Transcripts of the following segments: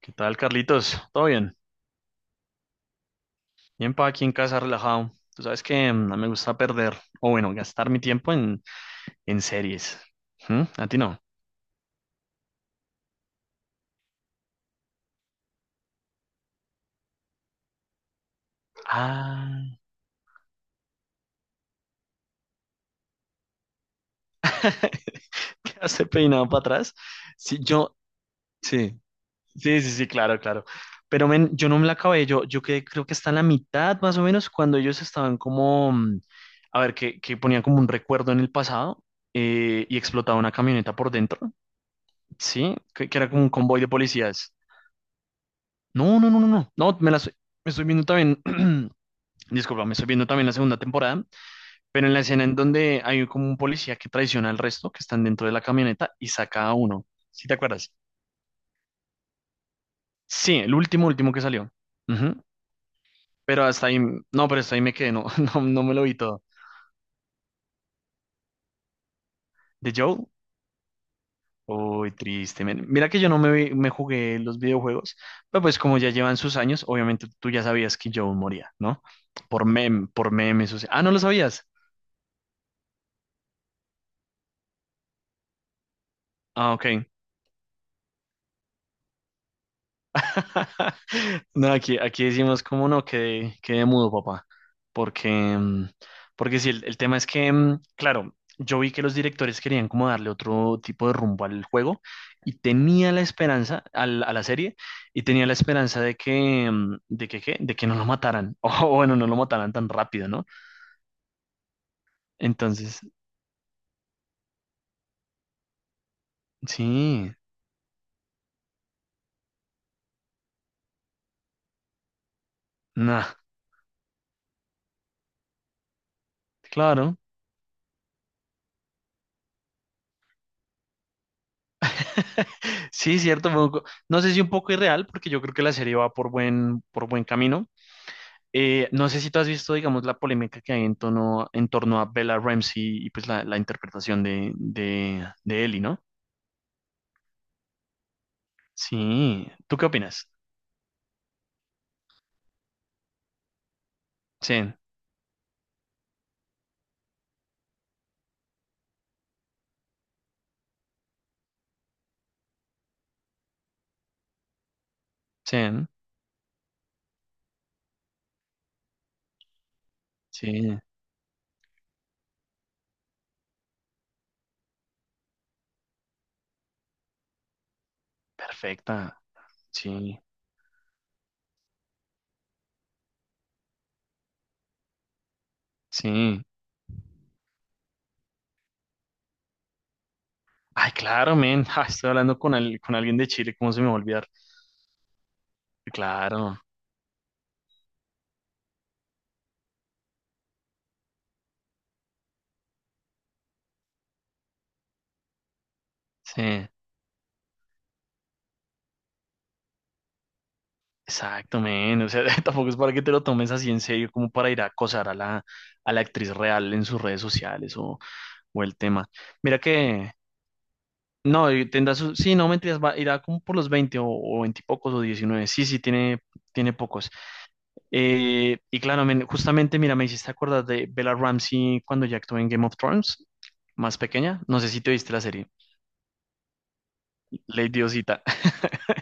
¿Qué tal, Carlitos? ¿Todo bien? Bien, pa, aquí en casa relajado. Tú sabes que no me gusta perder, o bueno, gastar mi tiempo en series. ¿Mm? ¿A ti no? Ah, ¿qué hace peinado para atrás? Sí, yo, sí, sí, sí, sí, claro, claro. Pero men, yo no me la acabé, yo quedé, creo que está en la mitad más o menos cuando ellos estaban como, a ver, que ponían como un recuerdo en el pasado y explotaba una camioneta por dentro, ¿sí? Que era como un convoy de policías. No, no, no, no, no. No, me la estoy, me estoy viendo también. Disculpa, me estoy viendo también la segunda temporada, pero en la escena en donde hay como un policía que traiciona al resto, que están dentro de la camioneta y saca a uno. ¿Sí te acuerdas? Sí, el último, último que salió. Ujú. Pero hasta ahí, no, pero hasta ahí me quedé, no, no, no me lo vi todo. ¿De Joe? Uy, triste, men. Mira que yo no me, me jugué los videojuegos, pero pues como ya llevan sus años, obviamente tú ya sabías que Joe moría, ¿no? Por memes. O sea... Ah, ¿no lo sabías? Ah, ok. No, aquí, aquí decimos, como no, que quedé mudo, papá. Porque, porque sí, el tema es que, claro, yo vi que los directores querían como darle otro tipo de rumbo al juego y tenía la esperanza, a la serie, y tenía la esperanza de que, ¿qué? De que no lo mataran. O bueno, no lo mataran tan rápido, ¿no? Entonces, sí, nada, claro. Sí, cierto, fue un no sé si un poco irreal, porque yo creo que la serie va por buen camino. No sé si tú has visto, digamos, la polémica que hay en torno a Bella Ramsey y pues la interpretación de Ellie, ¿no? Sí. ¿Tú qué opinas? Sí, sí, sí. Perfecta. Sí, sí. Ay, claro, men. Ah, estoy hablando con, con alguien de Chile, ¿cómo se me va a olvidar? Claro, sí. Exacto, men. O sea, tampoco es para que te lo tomes así en serio, como para ir a acosar a la actriz real en sus redes sociales o el tema. Mira que... No, y tendrá su, sí, no mentiras, va, irá como por los 20 o 20 y pocos o diecinueve. Sí, sí, tiene, tiene pocos. Y claro, men, justamente, mira, me hiciste acordar de Bella Ramsey cuando ya actuó en Game of Thrones, más pequeña. No sé si te viste la serie. Lady Diosita.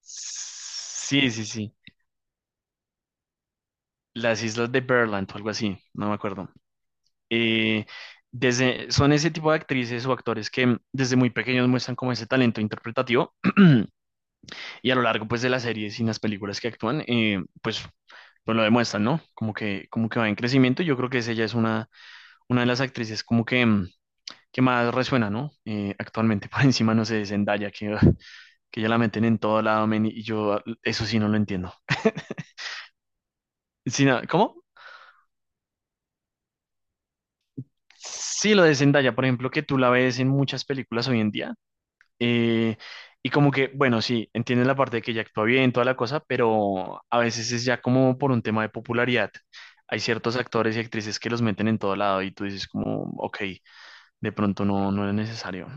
Sí, sí, sí. Las Islas de Berland o algo así, no me acuerdo. Eh, desde, son ese tipo de actrices o actores que desde muy pequeños muestran como ese talento interpretativo. Y a lo largo, pues, de las series y las películas que actúan, pues lo demuestran, ¿no? Como que va en crecimiento. Yo creo que esa ya es una de las actrices como que, que más resuena, ¿no? Actualmente, por encima, no sé, de Zendaya, que, ah, que ya la meten en todo lado, men, y yo ah, eso sí no lo entiendo. Sí, no, ¿cómo? Sí, lo de Zendaya, por ejemplo, que tú la ves en muchas películas hoy en día. Eh, y como que, bueno, sí, entienden la parte de que ya actúa bien, toda la cosa, pero a veces es ya como por un tema de popularidad. Hay ciertos actores y actrices que los meten en todo lado y tú dices como, ok, de pronto no, no es necesario.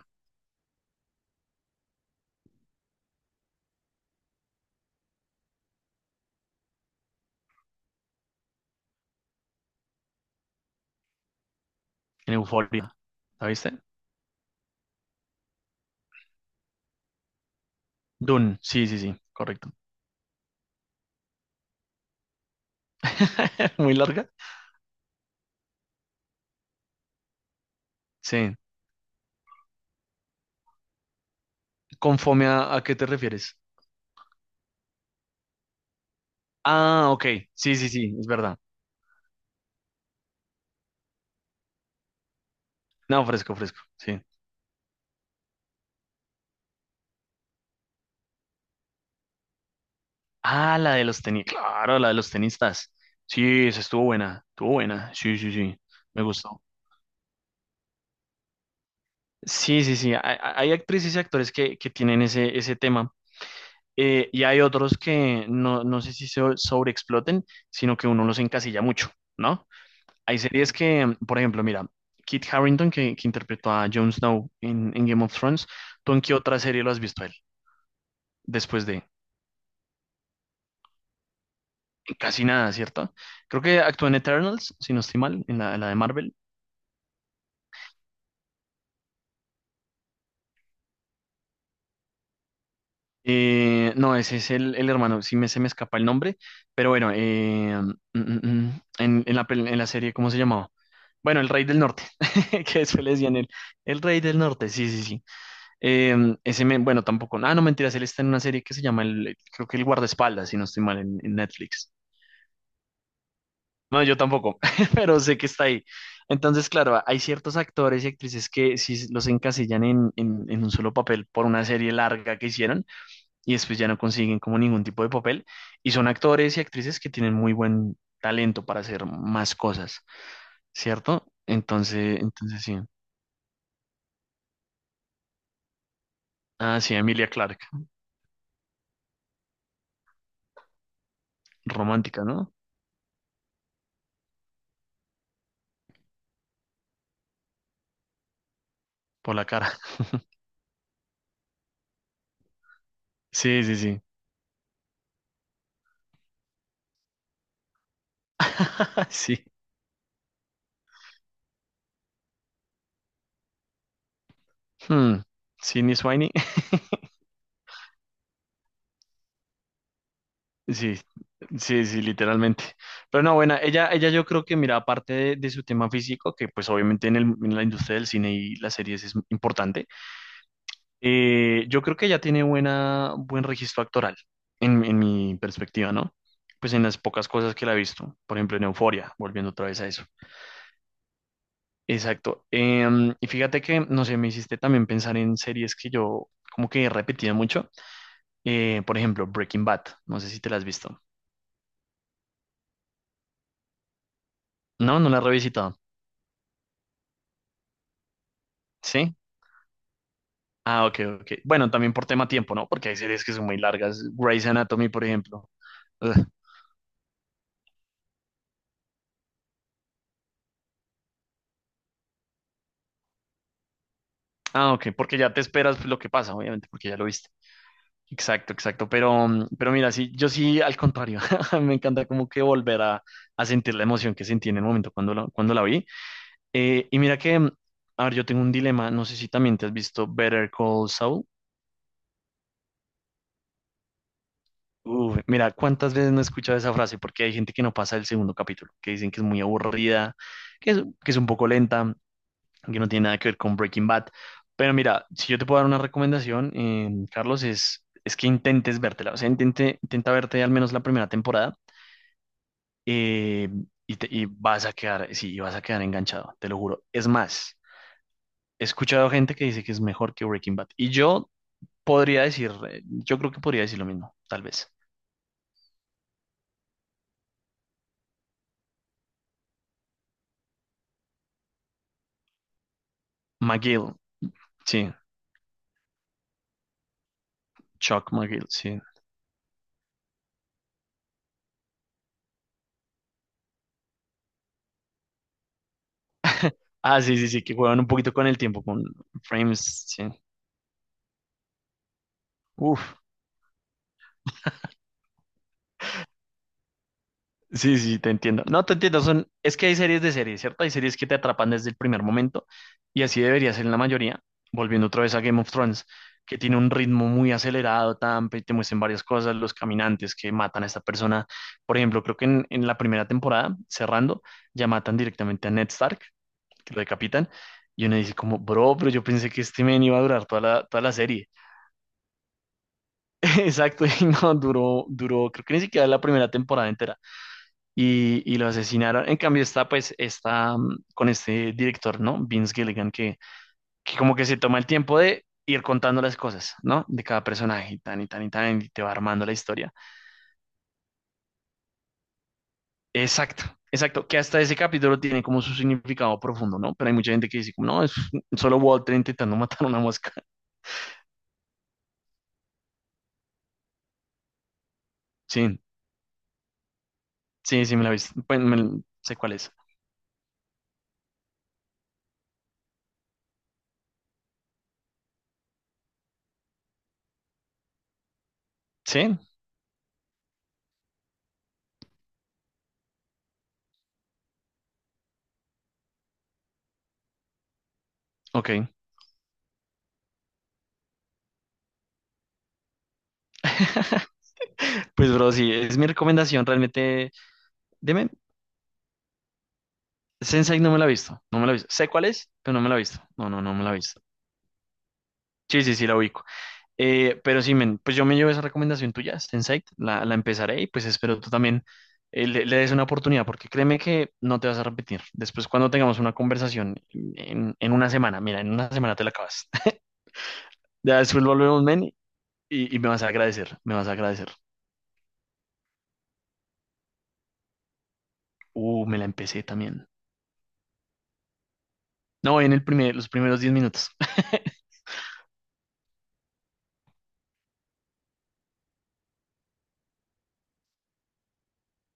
En Euphoria, ¿la viste? Dune, sí, sí, sí, correcto. Muy larga. Sí. ¿Con fome a qué te refieres? Ah, ok, sí, sí, sí, es verdad. No, fresco, fresco, sí. Ah, la de los tenis, claro, la de los tenistas. Sí, esa estuvo buena, estuvo buena. Sí, sí, sí, me gustó. Sí, sí, sí, hay, hay actrices y actores que tienen ese, ese tema. Eh, y hay otros que no, no sé si se sobreexploten, sino que uno los encasilla mucho, ¿no? Hay series que, por ejemplo, mira, Kit Harington, que interpretó a Jon Snow en Game of Thrones, ¿tú en qué otra serie lo has visto a él? Después de casi nada, ¿cierto? Creo que actúa en Eternals, si no estoy mal, en la de Marvel. No, ese es el hermano, sí me, se me escapa el nombre, pero bueno, mm, mm, mm, en la, en la serie, ¿cómo se llamaba? Bueno, el Rey del Norte, que eso le decían él, el Rey del Norte, sí, sí, sí. Eh, ese, men, bueno, tampoco, ah, no, mentiras, él está en una serie que se llama, el, creo que el Guardaespaldas, si no estoy mal, en Netflix. No, yo tampoco, pero sé que está ahí. Entonces, claro, hay ciertos actores y actrices que sí los encasillan en, en un solo papel por una serie larga que hicieron y después ya no consiguen como ningún tipo de papel. Y son actores y actrices que tienen muy buen talento para hacer más cosas, ¿cierto? Entonces, entonces sí. Ah, sí, Emilia Clarke, romántica, ¿no? Por la cara. Sí, sí, sí. Sí. Hmm. Sydney Sweeney. Sí, sí, sí, literalmente. Pero no, bueno, ella yo creo que, mira, aparte de su tema físico, que pues obviamente en el, en la industria del cine y las series es importante. Yo creo que ya tiene buena, buen registro actoral, en mi perspectiva, ¿no? Pues en las pocas cosas que la he visto, por ejemplo en Euforia, volviendo otra vez a eso. Exacto. Em, y fíjate que, no sé, me hiciste también pensar en series que yo como que repetía mucho. Por ejemplo, Breaking Bad, no sé si te la has visto. No, no la he revisitado. ¿Sí? Ah, ok, ok. Bueno, también por tema tiempo, ¿no? Porque hay series que son muy largas. Grey's Anatomy, por ejemplo. Ugh. Ah, ok, porque ya te esperas lo que pasa, obviamente, porque ya lo viste. Exacto, exacto. Pero, pero mira, sí, yo sí, al contrario, me encanta como que volver a sentir la emoción que sentí en el momento cuando la vi. Y mira que, a ver, yo tengo un dilema, no sé si también te has visto Better Call Saul. Uf, mira, ¿cuántas veces no he escuchado esa frase? Porque hay gente que no pasa el segundo capítulo, que dicen que es muy aburrida, que es, que es un poco lenta, que no tiene nada que ver con Breaking Bad. Pero mira, si yo te puedo dar una recomendación, Carlos, es que intentes vértela, o sea, intente, intenta verte al menos la primera temporada eh, y, y vas a quedar, sí, y vas a quedar enganchado, te lo juro. Es más, he escuchado gente que dice que es mejor que Breaking Bad. Y yo podría decir, yo creo que podría decir lo mismo, tal vez. McGill, sí, Chuck McGill, sí. Ah, sí, sí, sí, que juegan un poquito con el tiempo, con frames, sí. Uf, sí, sí, te entiendo. No, te entiendo. Son, es que hay series de series, ¿cierto? Hay series que te atrapan desde el primer momento y así debería ser en la mayoría. Volviendo otra vez a Game of Thrones, que tiene un ritmo muy acelerado, tan, te muestran varias cosas, los caminantes que matan a esta persona. Por ejemplo, creo que en la primera temporada, cerrando, ya matan directamente a Ned Stark, que lo decapitan. Y uno dice como, bro, pero yo pensé que este men iba a durar toda la serie. Exacto, y no, duró, duró, creo que ni siquiera la primera temporada entera y lo asesinaron. En cambio está pues está con este director, ¿no? Vince Gilligan, que como que se toma el tiempo de ir contando las cosas, ¿no? De cada personaje, y tan y tan y tan, y te va armando la historia. Exacto, exacto, que hasta ese capítulo tiene como su significado profundo, ¿no? Pero hay mucha gente que dice, como, no, es solo Walter intentando matar a una mosca. Sí, sí, sí, me la viste. Pues me- sé cuál es. Sí, ok. Pues, bro, sí, es mi recomendación realmente. Deme, Sensei no me la he visto, no me la he visto. Sé cuál es, pero no me la he visto. No, no, no me la he visto. Sí, sí, sí, la ubico. Pero sí, men, pues yo me llevo esa recomendación tuya, Sensei, la empezaré y pues espero tú también le, le des una oportunidad, porque créeme que no te vas a repetir. Después, cuando tengamos una conversación en una semana, mira, en una semana te la acabas. Ya después volvemos, men, y me vas a agradecer, me vas a agradecer. Me la empecé también. No, en el primer, los primeros 10 minutos.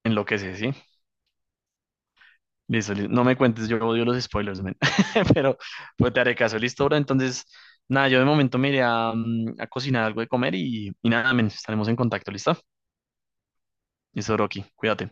Enloquece, ¿sí? Listo, listo. No me cuentes, yo odio los spoilers, men. Pero pues te haré caso, listo, bro. Entonces, nada, yo de momento me iré a, a cocinar algo de comer y nada, men, estaremos en contacto, ¿listo? Listo, Rocky, cuídate.